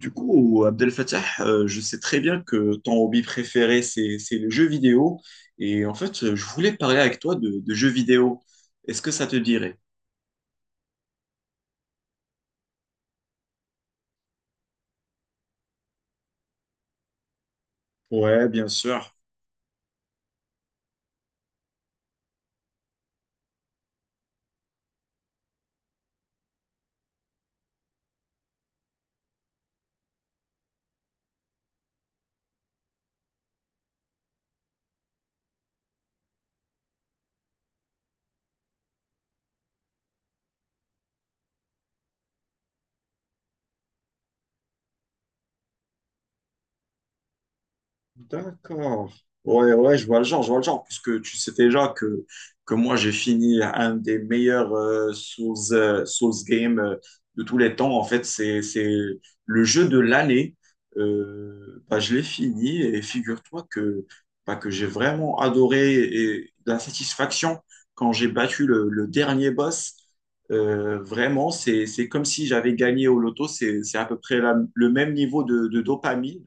Du coup, Abdel Fattah, je sais très bien que ton hobby préféré, c'est le jeu vidéo. Et en fait, je voulais parler avec toi de jeux vidéo. Est-ce que ça te dirait? Ouais, bien sûr. D'accord. Ouais, ouais, je vois le genre, puisque tu sais déjà que moi, j'ai fini un des meilleurs Souls games de tous les temps. En fait, c'est le jeu de l'année. Bah, je l'ai fini et figure-toi bah, que j'ai vraiment adoré et de la satisfaction quand j'ai battu le dernier boss. Vraiment, c'est comme si j'avais gagné au loto. C'est à peu près le même niveau de dopamine.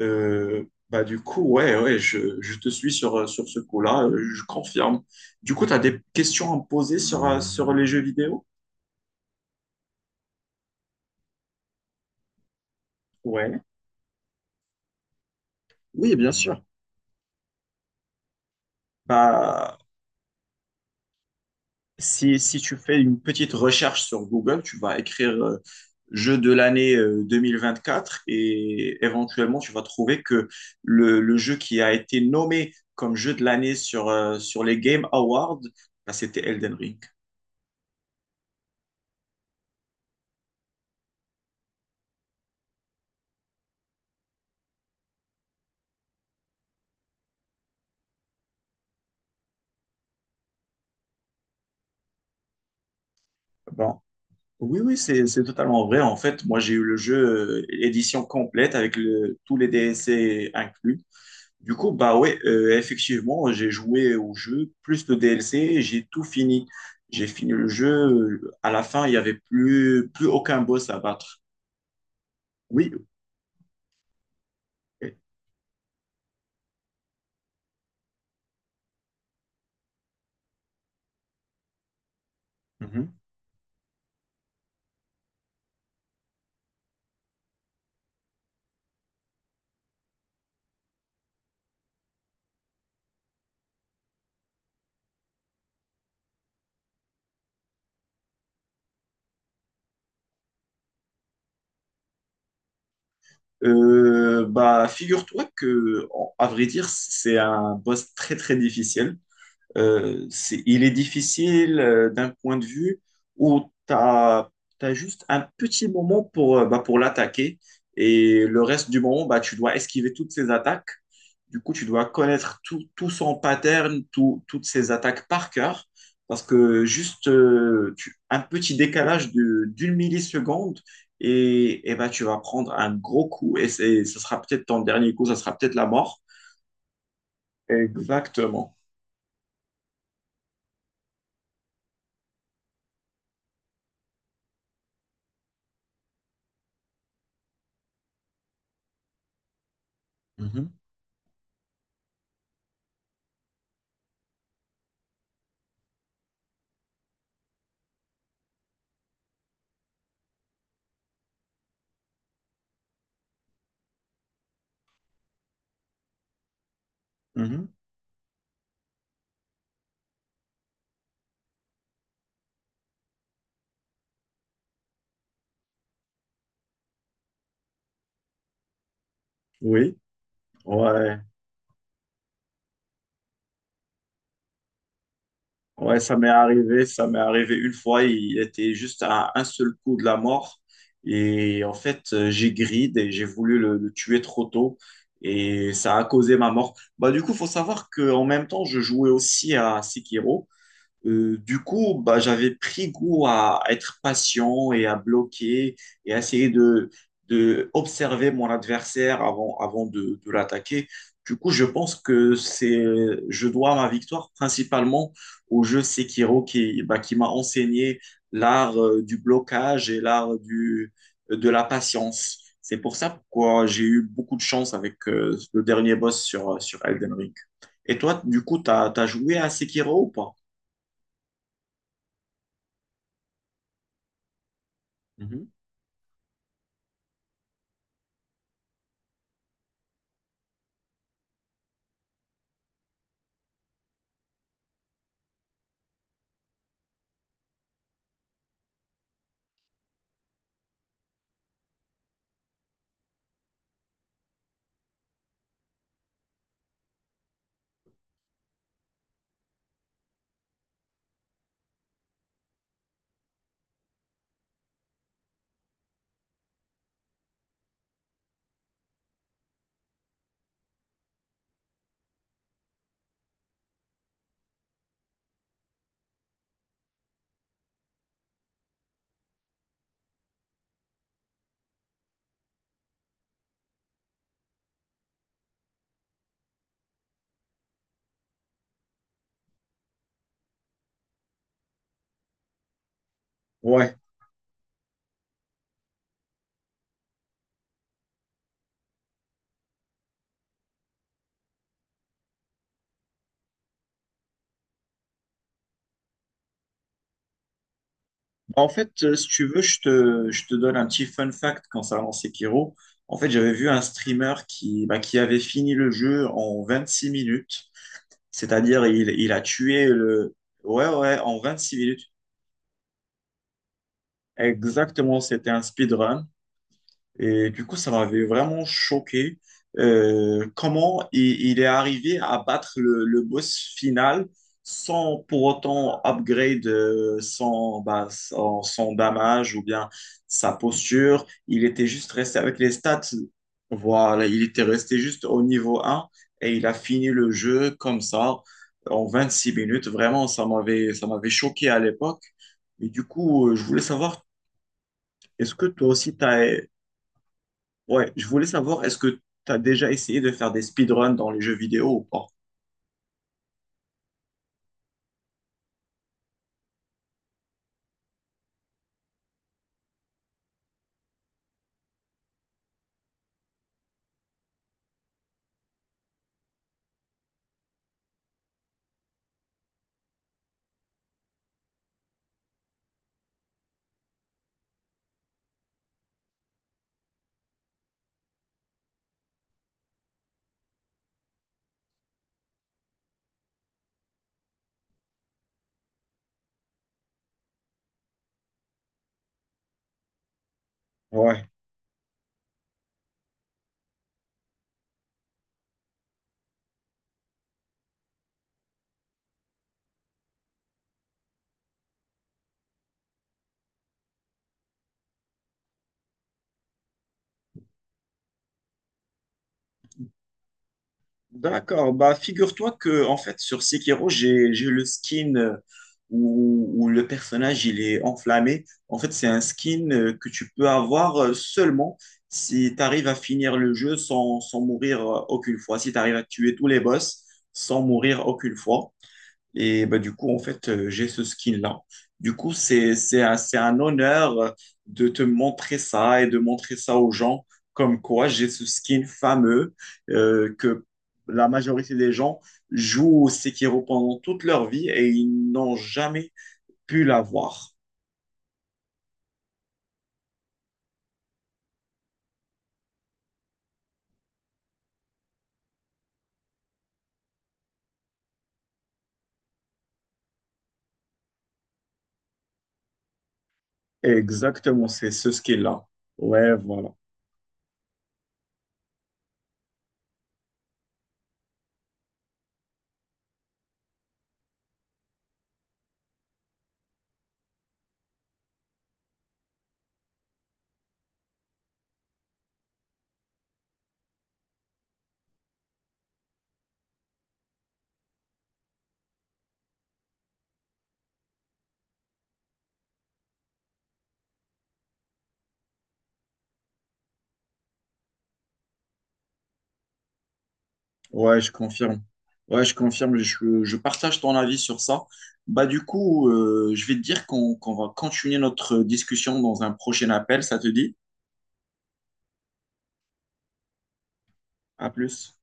Euh, bah, du coup, ouais, ouais, je te suis sur ce coup-là, je confirme. Du coup, tu as des questions à me poser sur les jeux vidéo? Ouais. Oui, bien sûr. Bah, si tu fais une petite recherche sur Google, tu vas écrire jeu de l'année 2024 et éventuellement tu vas trouver que le jeu qui a été nommé comme jeu de l'année sur les Game Awards, bah, c'était Elden Ring. Bon. Oui, oui, c'est totalement vrai. En fait, moi, j'ai eu le jeu édition complète avec tous les DLC inclus. Du coup, bah ouais, effectivement, j'ai joué au jeu, plus le DLC, et j'ai tout fini. J'ai fini le jeu. À la fin, il n'y avait plus aucun boss à battre. Oui, OK. Mhm. Bah, figure-toi que, à vrai dire, c'est un boss très, très difficile. Il est difficile d'un point de vue où tu as juste un petit moment bah, pour l'attaquer et le reste du moment, bah, tu dois esquiver toutes ses attaques. Du coup, tu dois connaître tout son pattern, toutes ses attaques par cœur parce que juste un petit décalage d'une milliseconde et bah, tu vas prendre un gros coup et ce sera peut-être ton dernier coup, ça sera peut-être la mort. Exactement. Mhm. Mhm. Oui. Ouais, ouais, ça m'est arrivé une fois, il était juste à un seul coup de la mort et en fait, j'ai grid et j'ai voulu le tuer trop tôt et ça a causé ma mort. Bah du coup, faut savoir que en même temps, je jouais aussi à Sekiro. Du coup, bah, j'avais pris goût à être patient et à bloquer et à essayer de observer mon adversaire avant de l'attaquer. Du coup, je pense que je dois ma victoire principalement au jeu Sekiro qui, bah, qui m'a enseigné l'art du blocage et l'art de la patience. C'est pour ça pourquoi j'ai eu beaucoup de chance avec le dernier boss sur Elden Ring. Et toi, du coup, t'as joué à Sekiro ou pas? Ouais. Bah, en fait, si tu veux, je te donne un petit fun fact concernant Sekiro. En fait, j'avais vu un streamer bah, qui avait fini le jeu en 26 minutes. C'est-à-dire, il a tué le. Ouais, ouais, en 26 minutes. Exactement, c'était un speedrun. Et du coup, ça m'avait vraiment choqué comment il est arrivé à battre le boss final sans pour autant upgrade bah, son damage ou bien sa posture. Il était juste resté avec les stats. Voilà, il était resté juste au niveau un et il a fini le jeu comme ça en 26 minutes. Vraiment, ça m'avait choqué à l'époque. Et du coup, je voulais savoir, est-ce que toi aussi, tu as. Ouais, je voulais savoir, est-ce que tu as déjà essayé de faire des speedruns dans les jeux vidéo ou pas? Ouais. D'accord, bah figure-toi que en fait sur Sekiro, j'ai le skin où le personnage il est enflammé. En fait, c'est un skin que tu peux avoir seulement si tu arrives à finir le jeu sans mourir aucune fois, si tu arrives à tuer tous les boss sans mourir aucune fois. Et bah, du coup, en fait, j'ai ce skin-là. Du coup, c'est un honneur de te montrer ça et de montrer ça aux gens, comme quoi j'ai ce skin fameux que la majorité des gens jouent au Sekiro pendant toute leur vie et ils n'ont jamais pu l'avoir. Exactement, c'est ce skin-là. Ouais, voilà. Ouais, je confirme. Ouais, je confirme. Je partage ton avis sur ça. Bah, du coup, je vais te dire qu'on va continuer notre discussion dans un prochain appel. Ça te dit? À plus.